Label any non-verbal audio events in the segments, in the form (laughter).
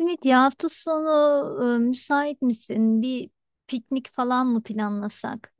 Evet ya, hafta sonu müsait misin? Bir piknik falan mı planlasak?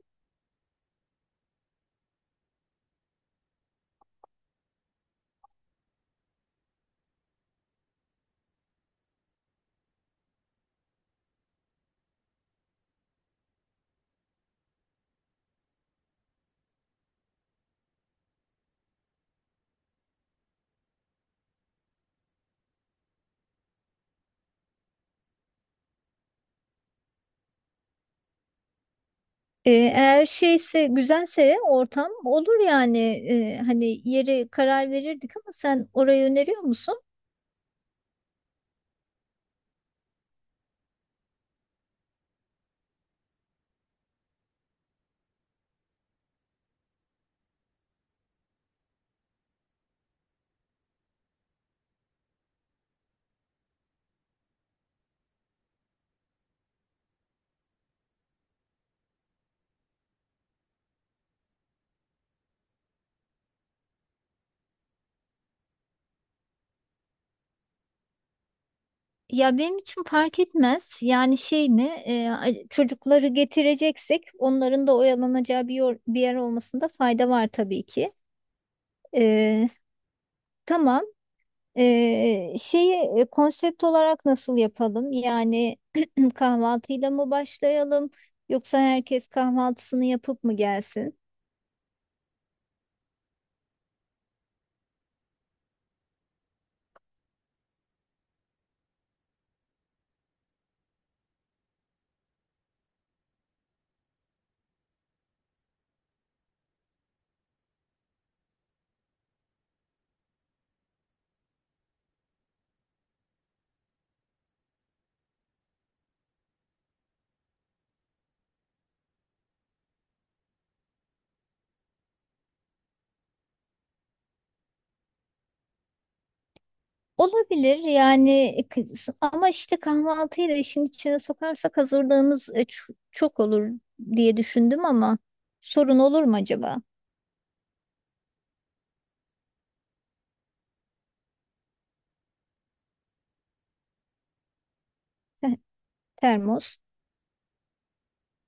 Eğer güzelse ortam olur yani. Hani yeri karar verirdik ama sen orayı öneriyor musun? Ya benim için fark etmez. Yani şey mi? Çocukları getireceksek onların da oyalanacağı bir yer olmasında fayda var tabii ki. Ee, tamam. Şeyi konsept olarak nasıl yapalım? Yani (clears throat) kahvaltıyla mı başlayalım yoksa herkes kahvaltısını yapıp mı gelsin? Olabilir yani, ama işte kahvaltıyı da işin içine sokarsak hazırlığımız çok olur diye düşündüm, ama sorun olur mu acaba? Heh, termos.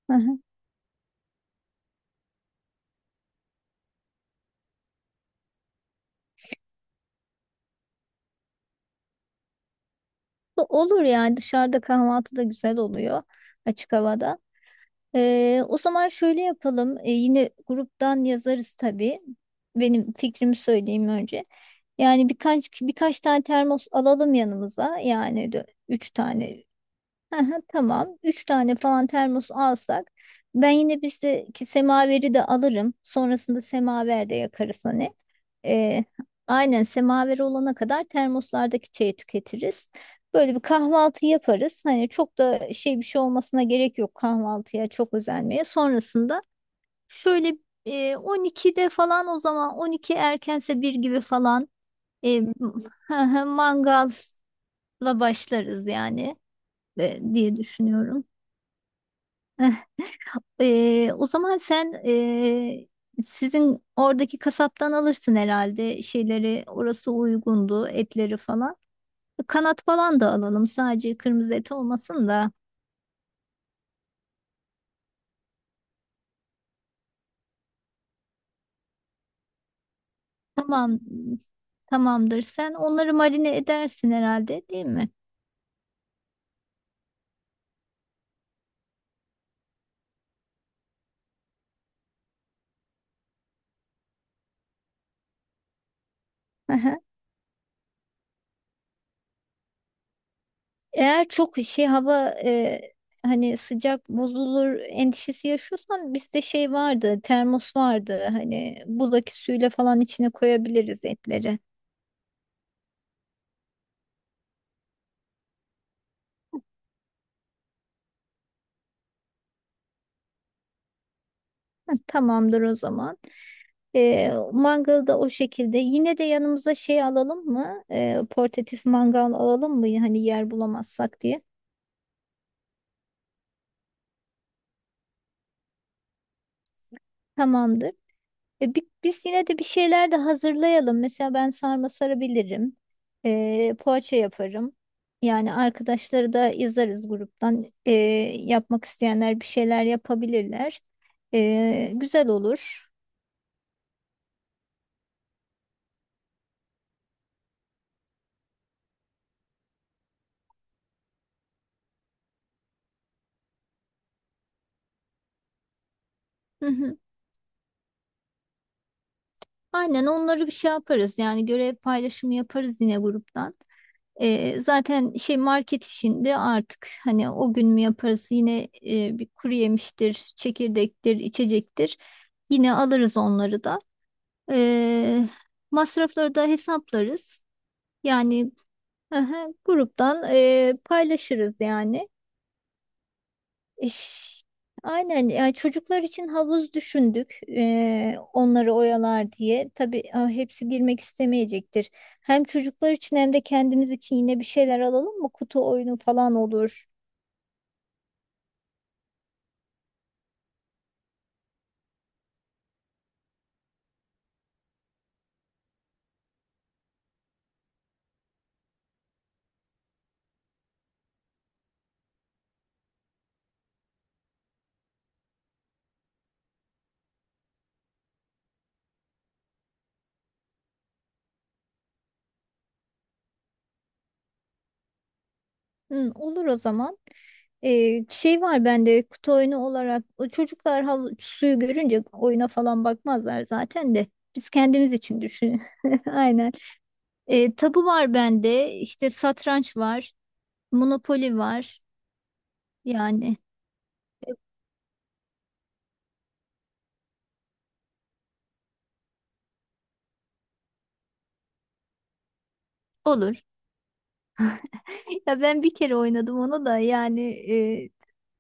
Hı hı. Olur, yani dışarıda kahvaltı da güzel oluyor, açık havada. O zaman şöyle yapalım. Yine gruptan yazarız tabii. Benim fikrimi söyleyeyim önce. Yani birkaç tane termos alalım yanımıza. Yani üç tane. Aha, tamam. Üç tane falan termos alsak ben yine bizdeki semaveri de alırım. Sonrasında semaver de yakarız hani. Ee, aynen, semaveri olana kadar termoslardaki çayı tüketiriz. Böyle bir kahvaltı yaparız. Hani çok da şey, bir şey olmasına gerek yok, kahvaltıya çok özenmeye. Sonrasında şöyle 12'de falan, o zaman 12 erkense bir gibi falan. e, m- (laughs) hı hı, mangalla başlarız yani, diye düşünüyorum. (laughs) O zaman sen, sizin oradaki kasaptan alırsın herhalde şeyleri, orası uygundu etleri falan. Kanat falan da alalım, sadece kırmızı et olmasın da. Tamam, tamamdır, sen onları marine edersin herhalde, değil mi? Aha. Eğer çok şey hava hani sıcak bozulur endişesi yaşıyorsan, bizde şey vardı, termos vardı, hani buzdaki suyla falan içine koyabiliriz etleri. Tamamdır o zaman. E, mangalda o şekilde. Yine de yanımıza şey alalım mı? E, portatif mangal alalım mı? Hani yer bulamazsak diye. Tamamdır. E, biz yine de bir şeyler de hazırlayalım. Mesela ben sarma sarabilirim. E, poğaça yaparım. Yani arkadaşları da yazarız gruptan. E, yapmak isteyenler bir şeyler yapabilirler. E, güzel olur. Hı hı. Aynen, onları bir şey yaparız. Yani görev paylaşımı yaparız yine gruptan. Zaten şey, market işinde artık hani o gün mü yaparız, yine e, bir kuru yemiştir, çekirdektir, içecektir. Yine alırız onları da. Ee, Masrafları da hesaplarız. Yani aha, gruptan e, paylaşırız yani. İş- Aynen, yani çocuklar için havuz düşündük, onları oyalar diye. Tabii ah, hepsi girmek istemeyecektir. Hem çocuklar için hem de kendimiz için yine bir şeyler alalım mı? Kutu oyunu falan olur. Hı, olur o zaman. Şey var bende kutu oyunu olarak, o çocuklar hav, suyu görünce oyuna falan bakmazlar zaten de. Biz kendimiz için düşün. (laughs) Aynen. Tabu var bende, işte satranç var. Monopoli var yani. Olur. Ya ben bir kere oynadım onu da, yani e,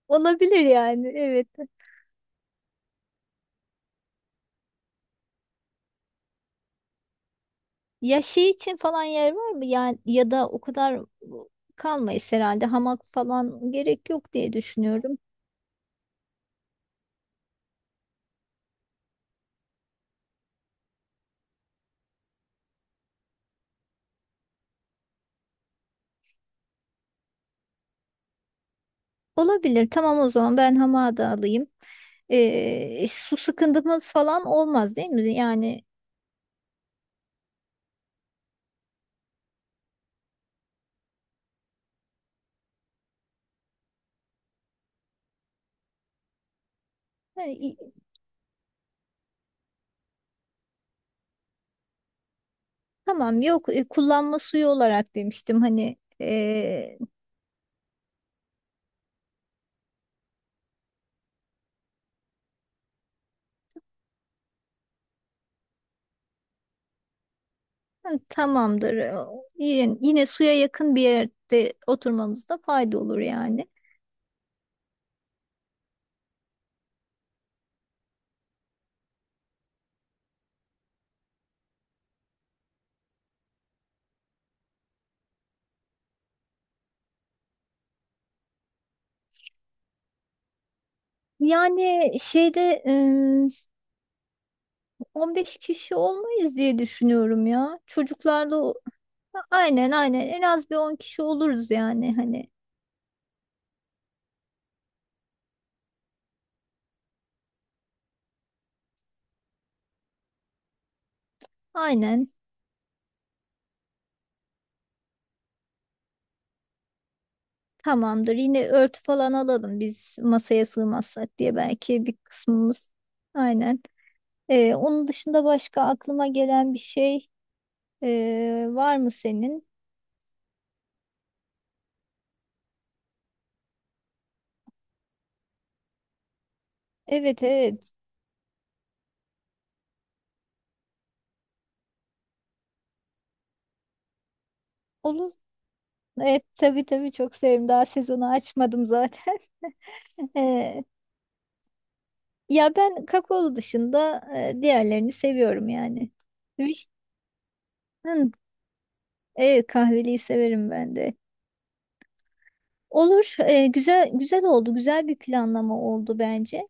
olabilir yani, evet. Ya şey için falan yer var mı? Yani ya da o kadar kalmayız herhalde, hamak falan gerek yok diye düşünüyorum. Olabilir, tamam, o zaman ben hamağı da alayım. E, su sıkıntımız falan olmaz değil mi? Yani hani, tamam, yok e, kullanma suyu olarak demiştim hani e, hani tamamdır. Yine, yine suya yakın bir yerde oturmamızda fayda olur yani. Yani şeyde 15 kişi olmayız diye düşünüyorum ya. Çocuklarla o- aynen aynen, en az bir 10 kişi oluruz yani hani. Aynen, tamamdır. Yine örtü falan alalım, biz masaya sığmazsak diye belki bir kısmımız. Aynen. Onun dışında başka aklıma gelen bir şey var mı senin? Evet evet, olur. Evet tabii tabii, çok sevdim. Daha sezonu açmadım zaten. (laughs) Ya ben kakaolu dışında diğerlerini seviyorum yani. Vişnenin, evet, kahveliyi severim ben de. Olur, e, güzel güzel oldu, güzel bir planlama oldu bence.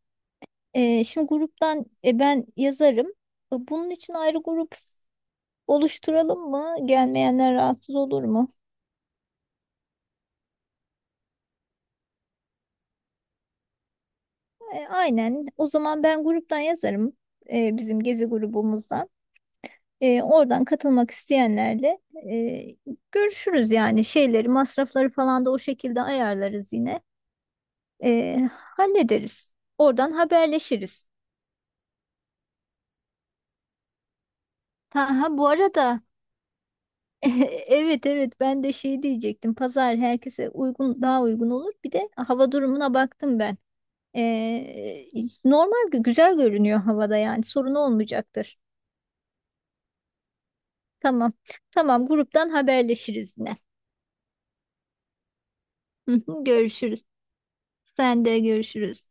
E, şimdi gruptan e, ben yazarım. E, bunun için ayrı grup oluşturalım mı? Gelmeyenler rahatsız olur mu? E, aynen. O zaman ben gruptan yazarım, e, bizim gezi grubumuzdan. E, oradan katılmak isteyenlerle e, görüşürüz yani, şeyleri, masrafları falan da o şekilde ayarlarız yine. E, hallederiz. Oradan haberleşiriz. Ha, ha, bu arada (laughs) evet evet, ben de şey diyecektim. Pazar herkese uygun, daha uygun olur. Bir de hava durumuna baktım ben. E, normal güzel görünüyor havada, yani sorun olmayacaktır. Tamam. Tamam, gruptan haberleşiriz yine. (laughs) Görüşürüz. Sen de, görüşürüz.